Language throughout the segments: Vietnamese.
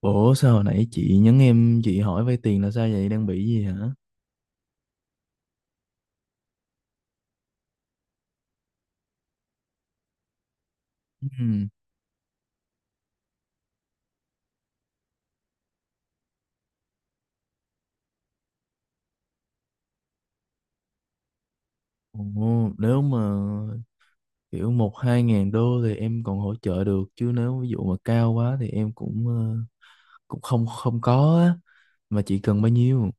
Ủa sao hồi nãy chị nhắn em, chị hỏi vay tiền là sao vậy, đang bị gì hả? Ừm, nếu mà kiểu một hai ngàn đô thì em còn hỗ trợ được, chứ nếu ví dụ mà cao quá thì em cũng cũng không không có á. Mà chị cần bao nhiêu?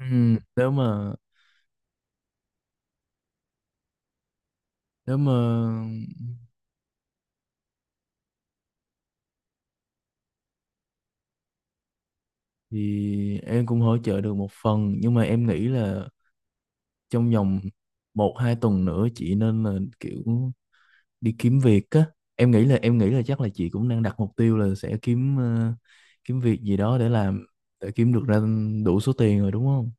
Ừm, Nếu mà nếu mà thì em cũng hỗ trợ được một phần, nhưng mà em nghĩ là trong vòng một hai tuần nữa chị nên là kiểu đi kiếm việc á. Em nghĩ là chắc là chị cũng đang đặt mục tiêu là sẽ kiếm kiếm việc gì đó để làm, để kiếm được ra đủ số tiền rồi đúng không?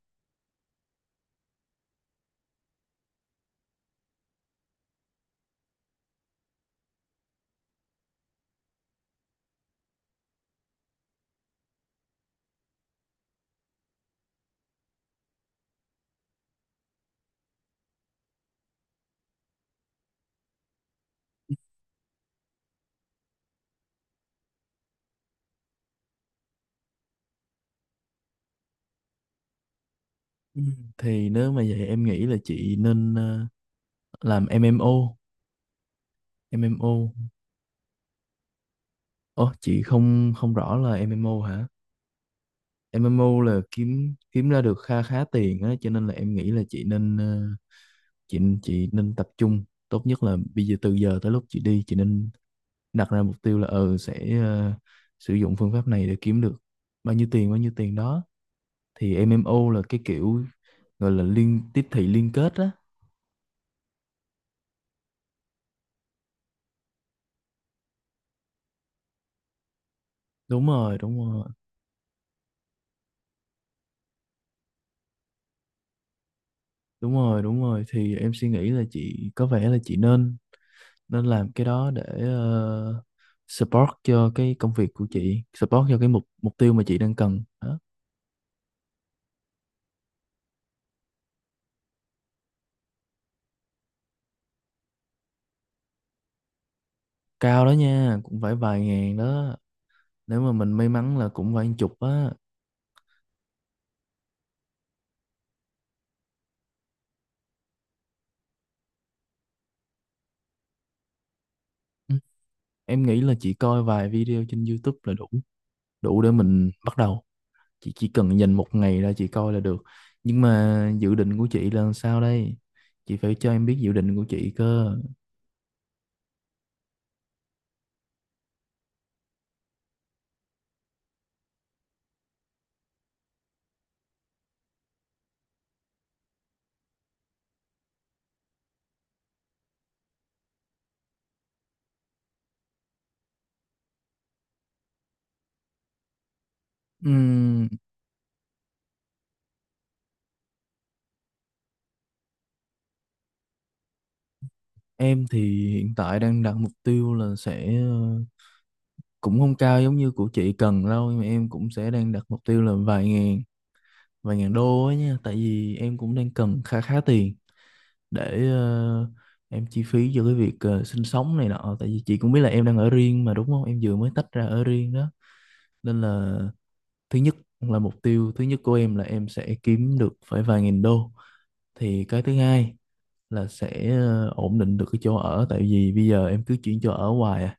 Ừ, thì nếu mà vậy em nghĩ là chị nên làm MMO. MMO? Ồ, chị không không rõ là MMO hả? MMO là kiếm kiếm ra được kha khá tiền á, cho nên là em nghĩ là chị nên chị nên tập trung. Tốt nhất là bây giờ, từ giờ tới lúc chị đi, chị nên đặt ra mục tiêu là ừ sẽ sử dụng phương pháp này để kiếm được bao nhiêu tiền đó. Thì MMO là cái kiểu gọi là liên tiếp thị liên kết á. Đúng rồi, đúng rồi, đúng rồi, đúng rồi, thì em suy nghĩ là chị có vẻ là chị nên nên làm cái đó để support cho cái công việc của chị, support cho cái mục mục tiêu mà chị đang cần đó. Cao đó nha, cũng phải vài ngàn đó, nếu mà mình may mắn là cũng vài chục á. Ừ, em nghĩ là chị coi vài video trên YouTube là đủ, đủ để mình bắt đầu. Chị chỉ cần dành một ngày ra chị coi là được. Nhưng mà dự định của chị là sao đây, chị phải cho em biết dự định của chị cơ. Ừm, em thì hiện tại đang đặt mục tiêu là sẽ cũng không cao giống như của chị cần đâu, nhưng mà em cũng sẽ đang đặt mục tiêu là vài ngàn, vài ngàn đô ấy nha. Tại vì em cũng đang cần khá khá tiền để em chi phí cho cái việc sinh sống này nọ. Tại vì chị cũng biết là em đang ở riêng mà, đúng không, em vừa mới tách ra ở riêng đó, nên là thứ nhất là mục tiêu thứ nhất của em là em sẽ kiếm được phải vài nghìn đô. Thì cái thứ hai là sẽ ổn định được cái chỗ ở, tại vì bây giờ em cứ chuyển chỗ ở hoài à,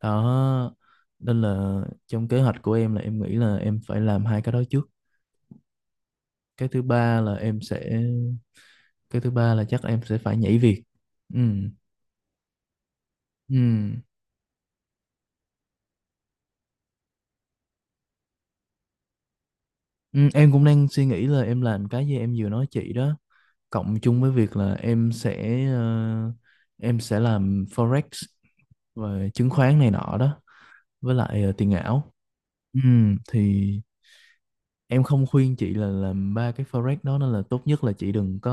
đó, nên là trong kế hoạch của em là em nghĩ là em phải làm hai cái đó trước. cái thứ ba là em sẽ cái thứ ba là chắc em sẽ phải nhảy việc. Ừ. Ừ, Ừ, em cũng đang suy nghĩ là em làm cái gì em vừa nói chị đó, cộng chung với việc là em sẽ em sẽ làm forex, về chứng khoán này nọ đó, với lại tiền ảo. Thì em không khuyên chị là làm ba cái forex đó, nên là tốt nhất là chị đừng có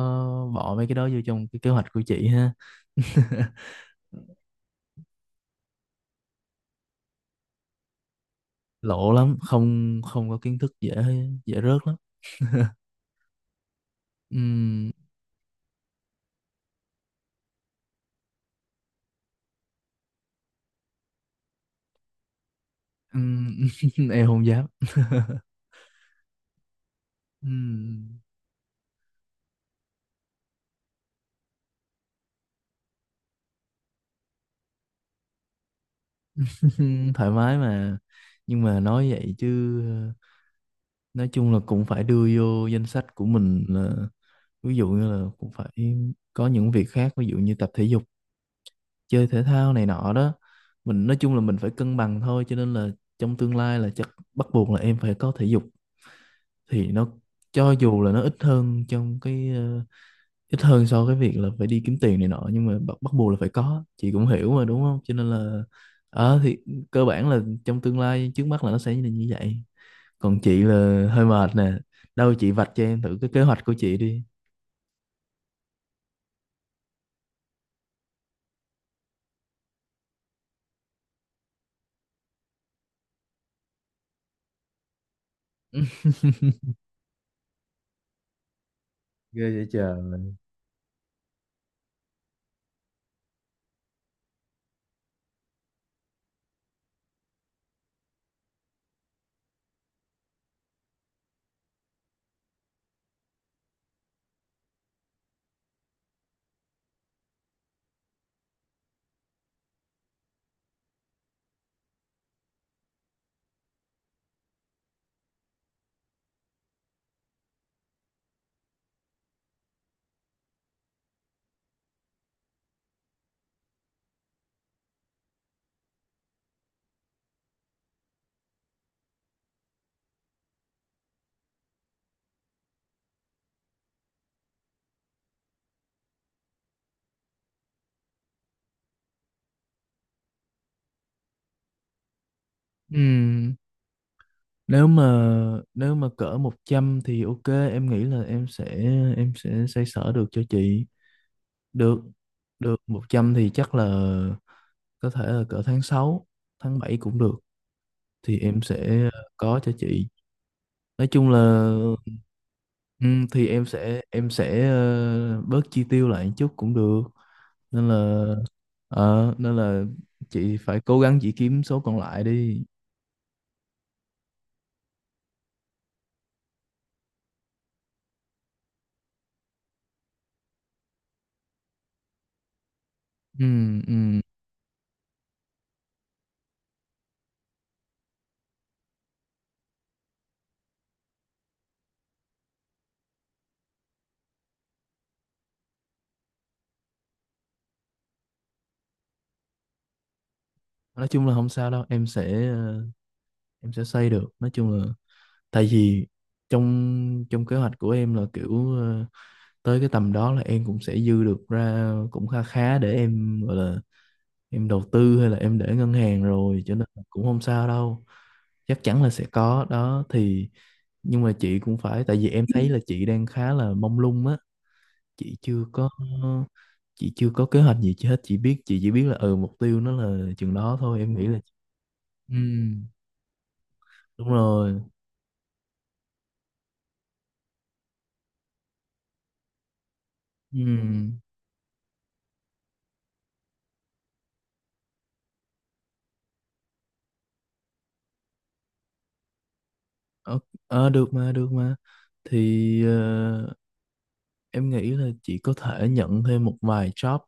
bỏ mấy cái đó vô trong cái kế hoạch của chị ha. Lộ lắm, không không có kiến thức dễ, dễ rớt lắm. Ừm, ừm, em không dám. Ừm, thoải mái mà. Nhưng mà nói vậy chứ nói chung là cũng phải đưa vô danh sách của mình là ví dụ như là cũng phải có những việc khác, ví dụ như tập thể dục, chơi thể thao này nọ đó. Mình nói chung là mình phải cân bằng thôi, cho nên là trong tương lai là chắc bắt buộc là em phải có thể dục. Thì nó cho dù là nó ít hơn trong cái ít hơn so với việc là phải đi kiếm tiền này nọ, nhưng mà bắt buộc là phải có, chị cũng hiểu mà đúng không, cho nên là ờ thì cơ bản là trong tương lai trước mắt là nó sẽ như là như vậy. Còn chị là hơi mệt nè, đâu chị vạch cho em thử cái kế hoạch của chị đi. Ghê vậy trời. Ừ, nếu mà nếu mà cỡ 100 thì ok, em nghĩ là em sẽ xoay sở được cho chị. Được, được 100 thì chắc là có thể là cỡ tháng sáu, tháng 7 cũng được, thì em sẽ có cho chị. Nói chung là ừ, thì em sẽ bớt chi tiêu lại một chút cũng được, nên là ờ, nên là chị phải cố gắng chị kiếm số còn lại đi. Ừ, ừ. Nói chung là không sao đâu, em sẽ em sẽ xây được. Nói chung là tại vì trong trong kế hoạch của em là kiểu tới cái tầm đó là em cũng sẽ dư được ra cũng kha khá, để em gọi là em đầu tư hay là em để ngân hàng rồi, cho nên là cũng không sao đâu, chắc chắn là sẽ có đó. Thì nhưng mà chị cũng phải, tại vì em thấy là chị đang khá là mông lung á, chị chưa có, chị chưa có kế hoạch gì chi hết, chị biết chị chỉ biết là ừ mục tiêu nó là chừng đó thôi. Em nghĩ là ừ đúng rồi ừ. Ờ, ờ, được mà, được mà. Thì em nghĩ là chị có thể nhận thêm một vài job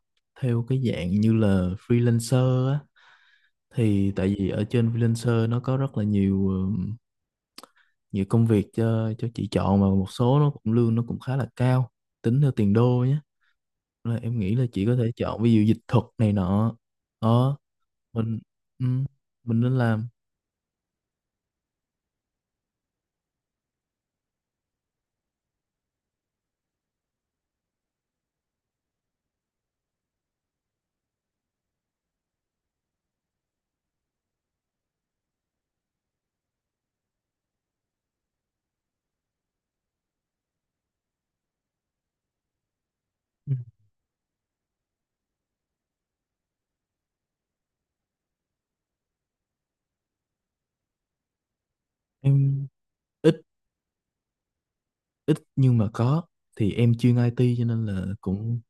theo cái dạng như là freelancer á. Thì tại vì ở trên freelancer nó có rất là nhiều nhiều công việc cho chị chọn, mà một số nó cũng lương nó cũng khá là cao, tính theo tiền đô nhé. Là em nghĩ là chị có thể chọn ví dụ dịch thuật này nọ. Ờ, mình ừ, mình nên làm. Ừ. Em ít nhưng mà có, thì em chuyên IT cho nên là cũng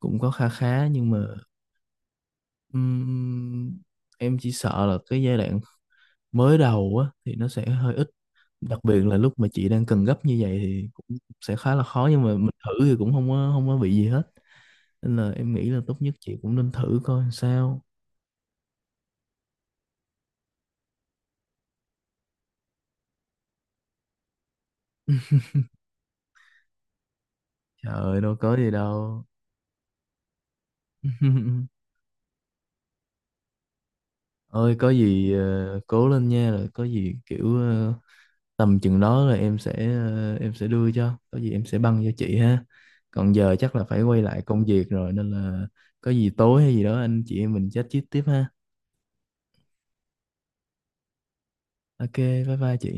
cũng có kha khá, nhưng mà ừm, em chỉ sợ là cái giai đoạn mới đầu á thì nó sẽ hơi ít, đặc biệt là lúc mà chị đang cần gấp như vậy thì cũng sẽ khá là khó. Nhưng mà mình thử thì cũng không có bị gì hết, nên là em nghĩ là tốt nhất chị cũng nên thử coi làm sao. Trời ơi đâu có gì đâu. Ơi có gì cố lên nha, rồi có gì kiểu tầm chừng đó là em sẽ em sẽ đưa cho, có gì em sẽ băng cho chị ha. Còn giờ chắc là phải quay lại công việc rồi, nên là có gì tối hay gì đó anh chị em mình chat chít tiếp ha. Ok, bye bye chị.